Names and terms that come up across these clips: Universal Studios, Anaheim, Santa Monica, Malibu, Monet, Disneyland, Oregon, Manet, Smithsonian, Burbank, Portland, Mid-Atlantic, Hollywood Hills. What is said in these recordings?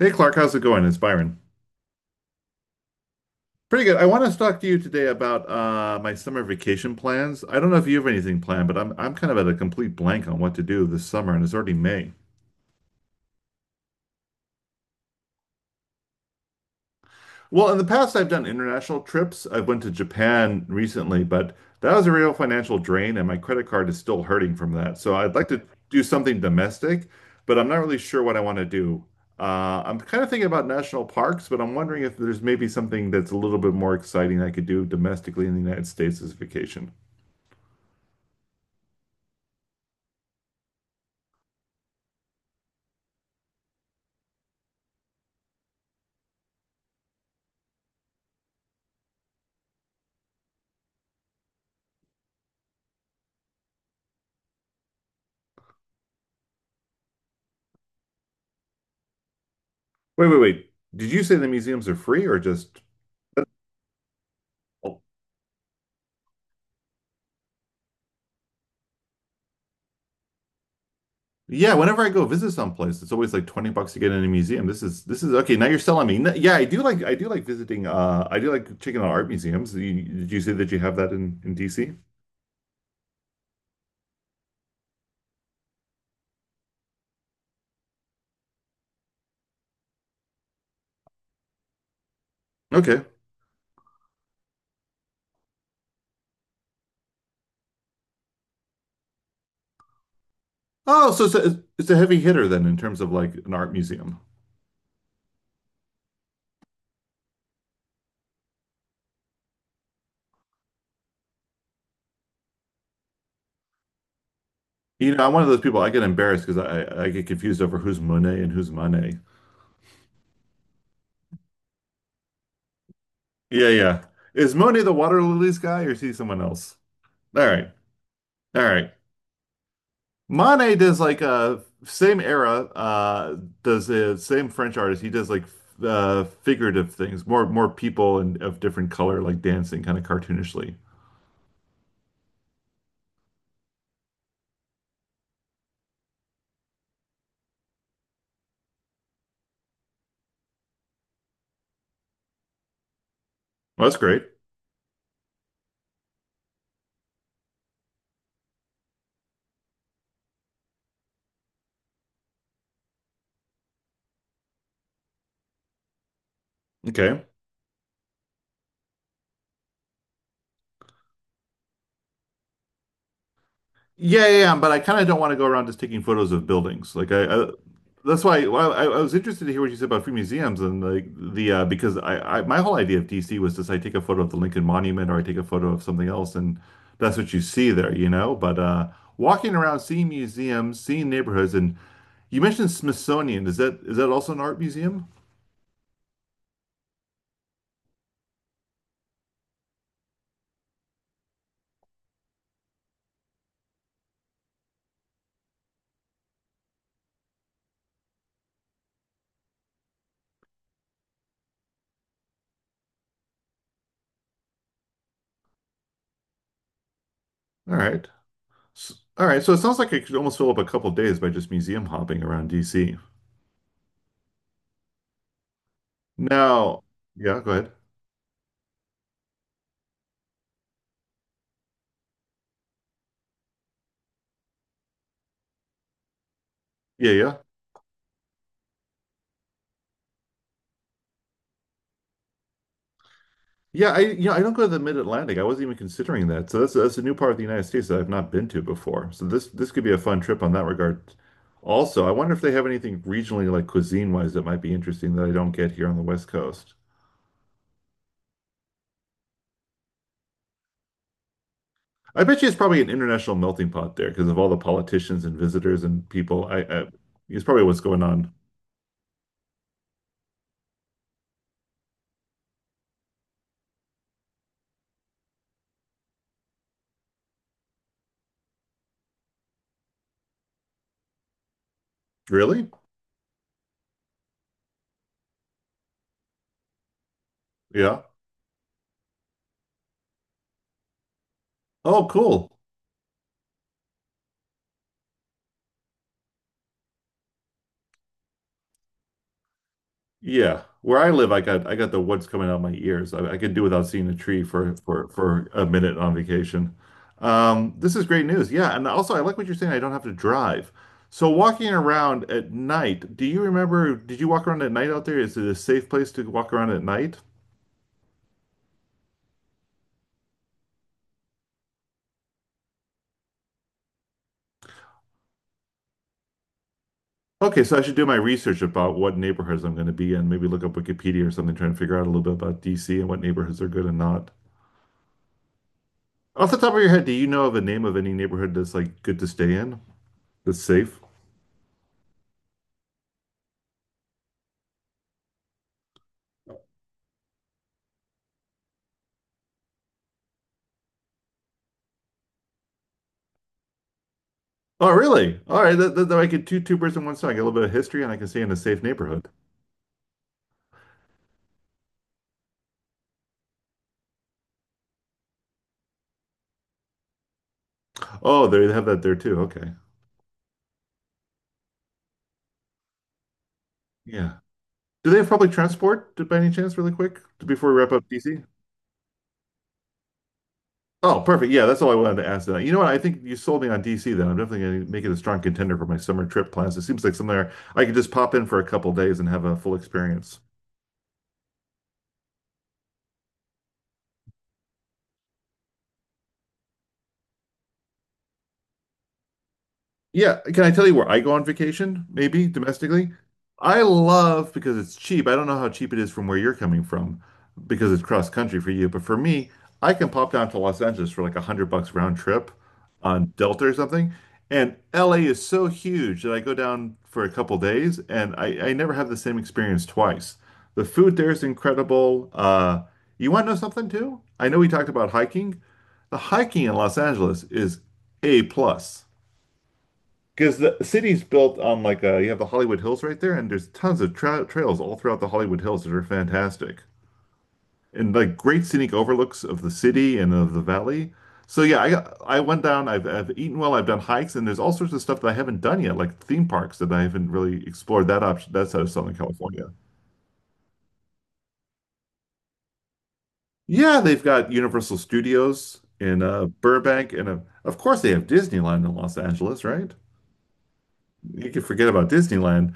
Hey Clark, how's it going? It's Byron. Pretty good. I want to talk to you today about my summer vacation plans. I don't know if you have anything planned, but I'm kind of at a complete blank on what to do this summer, and it's already May. Well, in the past, I've done international trips. I went to Japan recently, but that was a real financial drain, and my credit card is still hurting from that. So I'd like to do something domestic, but I'm not really sure what I want to do. I'm kind of thinking about national parks, but I'm wondering if there's maybe something that's a little bit more exciting I could do domestically in the United States this vacation. Wait, wait, wait. Did you say the museums are free or just? Oh. Yeah, whenever I go visit someplace, it's always like 20 bucks to get in a museum. This is okay. Now you're selling me. No- Yeah, I do like visiting I do like checking out art museums. You- Did you say that you have that in DC? Okay. Oh, so it's a heavy hitter then in terms of like an art museum. You know, I'm one of those people I get embarrassed because I get confused over who's Monet and who's Monet. Yeah, yeah. Is Monet the water lilies guy or is he someone else? All right. All right. Manet does like same era does the same French artist. He does like figurative things, more people and of different color like dancing kind of cartoonishly. Well, that's great. Okay. Yeah, yeah, yeah, but I kind of don't want to go around just taking photos of buildings. Like I that's why well, I was interested to hear what you said about free museums and like the because I my whole idea of DC was just I take a photo of the Lincoln Monument or I take a photo of something else and that's what you see there, you know. But walking around, seeing museums, seeing neighborhoods, and you mentioned Smithsonian. Is that also an art museum? All right, all right. So it sounds like I could almost fill up a couple days by just museum hopping around DC. Now, yeah, go ahead. Yeah, yeah. Yeah, I you know I don't go to the Mid-Atlantic. I wasn't even considering that. So that's a new part of the United States that I've not been to before. So this could be a fun trip on that regard. Also, I wonder if they have anything regionally like cuisine-wise that might be interesting that I don't get here on the West Coast. I bet you it's probably an international melting pot there because of all the politicians and visitors and people. I it's probably what's going on. Really? Yeah. Oh, cool. Yeah, where I live, I got the woods coming out my ears. I could do without seeing a tree for a minute on vacation. This is great news. Yeah, and also I like what you're saying. I don't have to drive. So walking around at night, do you remember? Did you walk around at night out there? Is it a safe place to walk around at night? Okay, so I should do my research about what neighborhoods I'm going to be in. Maybe look up Wikipedia or something, trying to figure out a little bit about DC and what neighborhoods are good and not. Off the top of your head, do you know of a name of any neighborhood that's like good to stay in, that's safe? Oh, really? All right. That I could two birds in one stone. I get a little bit of history, and I can stay in a safe neighborhood. Oh, they have that there too. Okay. Yeah. Do they have public transport to- by any chance, really quick, to- before we wrap up DC? Oh, perfect. Yeah, that's all I wanted to ask. That. You know what? I think you sold me on DC. Then I'm definitely going to make it a strong contender for my summer trip plans. It seems like somewhere I could just pop in for a couple days and have a full experience. Yeah, can I tell you where I go on vacation, maybe domestically? I love because it's cheap. I don't know how cheap it is from where you're coming from because it's cross country for you, but for me, I can pop down to Los Angeles for like 100 bucks round trip on Delta or something. And LA is so huge that I go down for a couple days and I never have the same experience twice. The food there is incredible. You want to know something too? I know we talked about hiking. The hiking in Los Angeles is A plus. Because the city's built on like you have the Hollywood Hills right there, and there's tons of trails all throughout the Hollywood Hills that are fantastic and like great scenic overlooks of the city and of the valley. So yeah, I went down. I've eaten well. I've done hikes, and there's all sorts of stuff that I haven't done yet, like theme parks that I haven't really explored. That option that's out of Southern California. Yeah, they've got Universal Studios in Burbank, and of course they have Disneyland in Los Angeles, right? You can forget about Disneyland.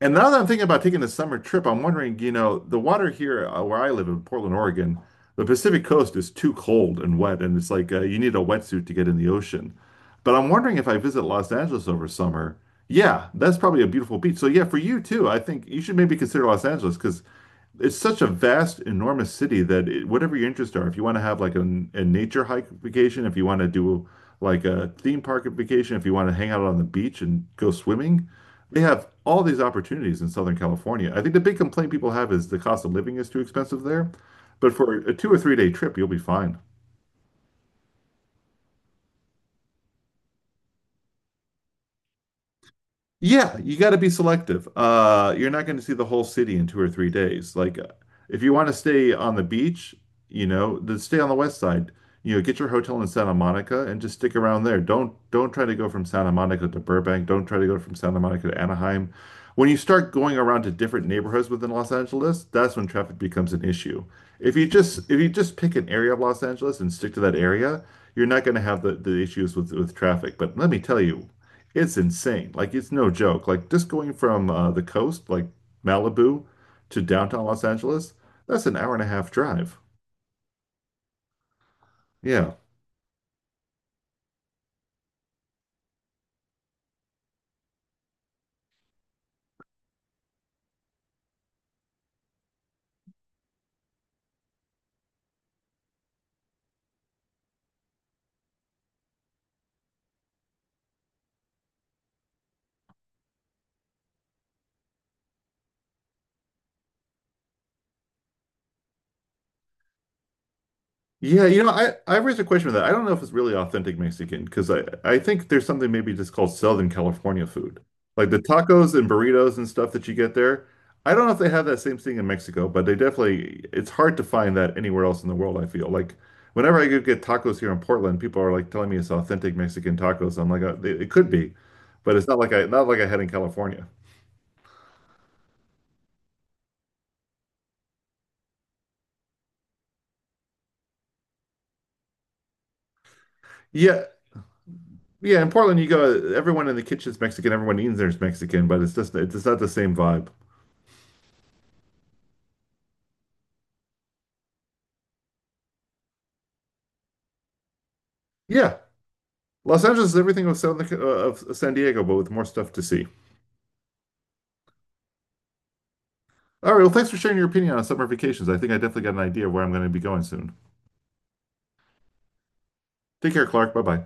And now that I'm thinking about taking a summer trip, I'm wondering, you know, the water here where I live in Portland, Oregon, the Pacific Coast is too cold and wet, and it's like you need a wetsuit to get in the ocean. But I'm wondering if I visit Los Angeles over summer, yeah, that's probably a beautiful beach. So yeah, for you too, I think you should maybe consider Los Angeles because it's such a vast, enormous city that it, whatever your interests are, if you want to have like a nature hike vacation, if you want to do like a theme park vacation, if you want to hang out on the beach and go swimming. They have all these opportunities in Southern California. I think the big complaint people have is the cost of living is too expensive there. But for a two or three-day trip, you'll be fine. Yeah, you got to be selective. You're not going to see the whole city in two or three days. Like, if you want to stay on the beach, you know, then stay on the west side. You know, get your hotel in Santa Monica and just stick around there. Don't try to go from Santa Monica to Burbank. Don't try to go from Santa Monica to Anaheim. When you start going around to different neighborhoods within Los Angeles, that's when traffic becomes an issue. If you just pick an area of Los Angeles and stick to that area, you're not going to have the issues with traffic. But let me tell you. It's insane. Like it's no joke. Like just going from the coast, like Malibu, to downtown Los Angeles, that's an hour and a half drive. Yeah. Yeah, you know, I raised a question with that. I don't know if it's really authentic Mexican because I think there's something maybe just called Southern California food, like the tacos and burritos and stuff that you get there. I don't know if they have that same thing in Mexico, but they definitely it's hard to find that anywhere else in the world, I feel. Like whenever I go get tacos here in Portland, people are like telling me it's authentic Mexican tacos. I'm like, it it could be, but it's not like I not like I had in California. Yeah, yeah, in Portland you go, everyone in the kitchen's Mexican, everyone eating there's Mexican, but it's just it's not the same vibe. Yeah. Los Angeles is everything of San Diego, but with more stuff to see. All right. Well, thanks for sharing your opinion on summer vacations. I think I definitely got an idea of where I'm going to be going soon. Take care, Clark. Bye bye.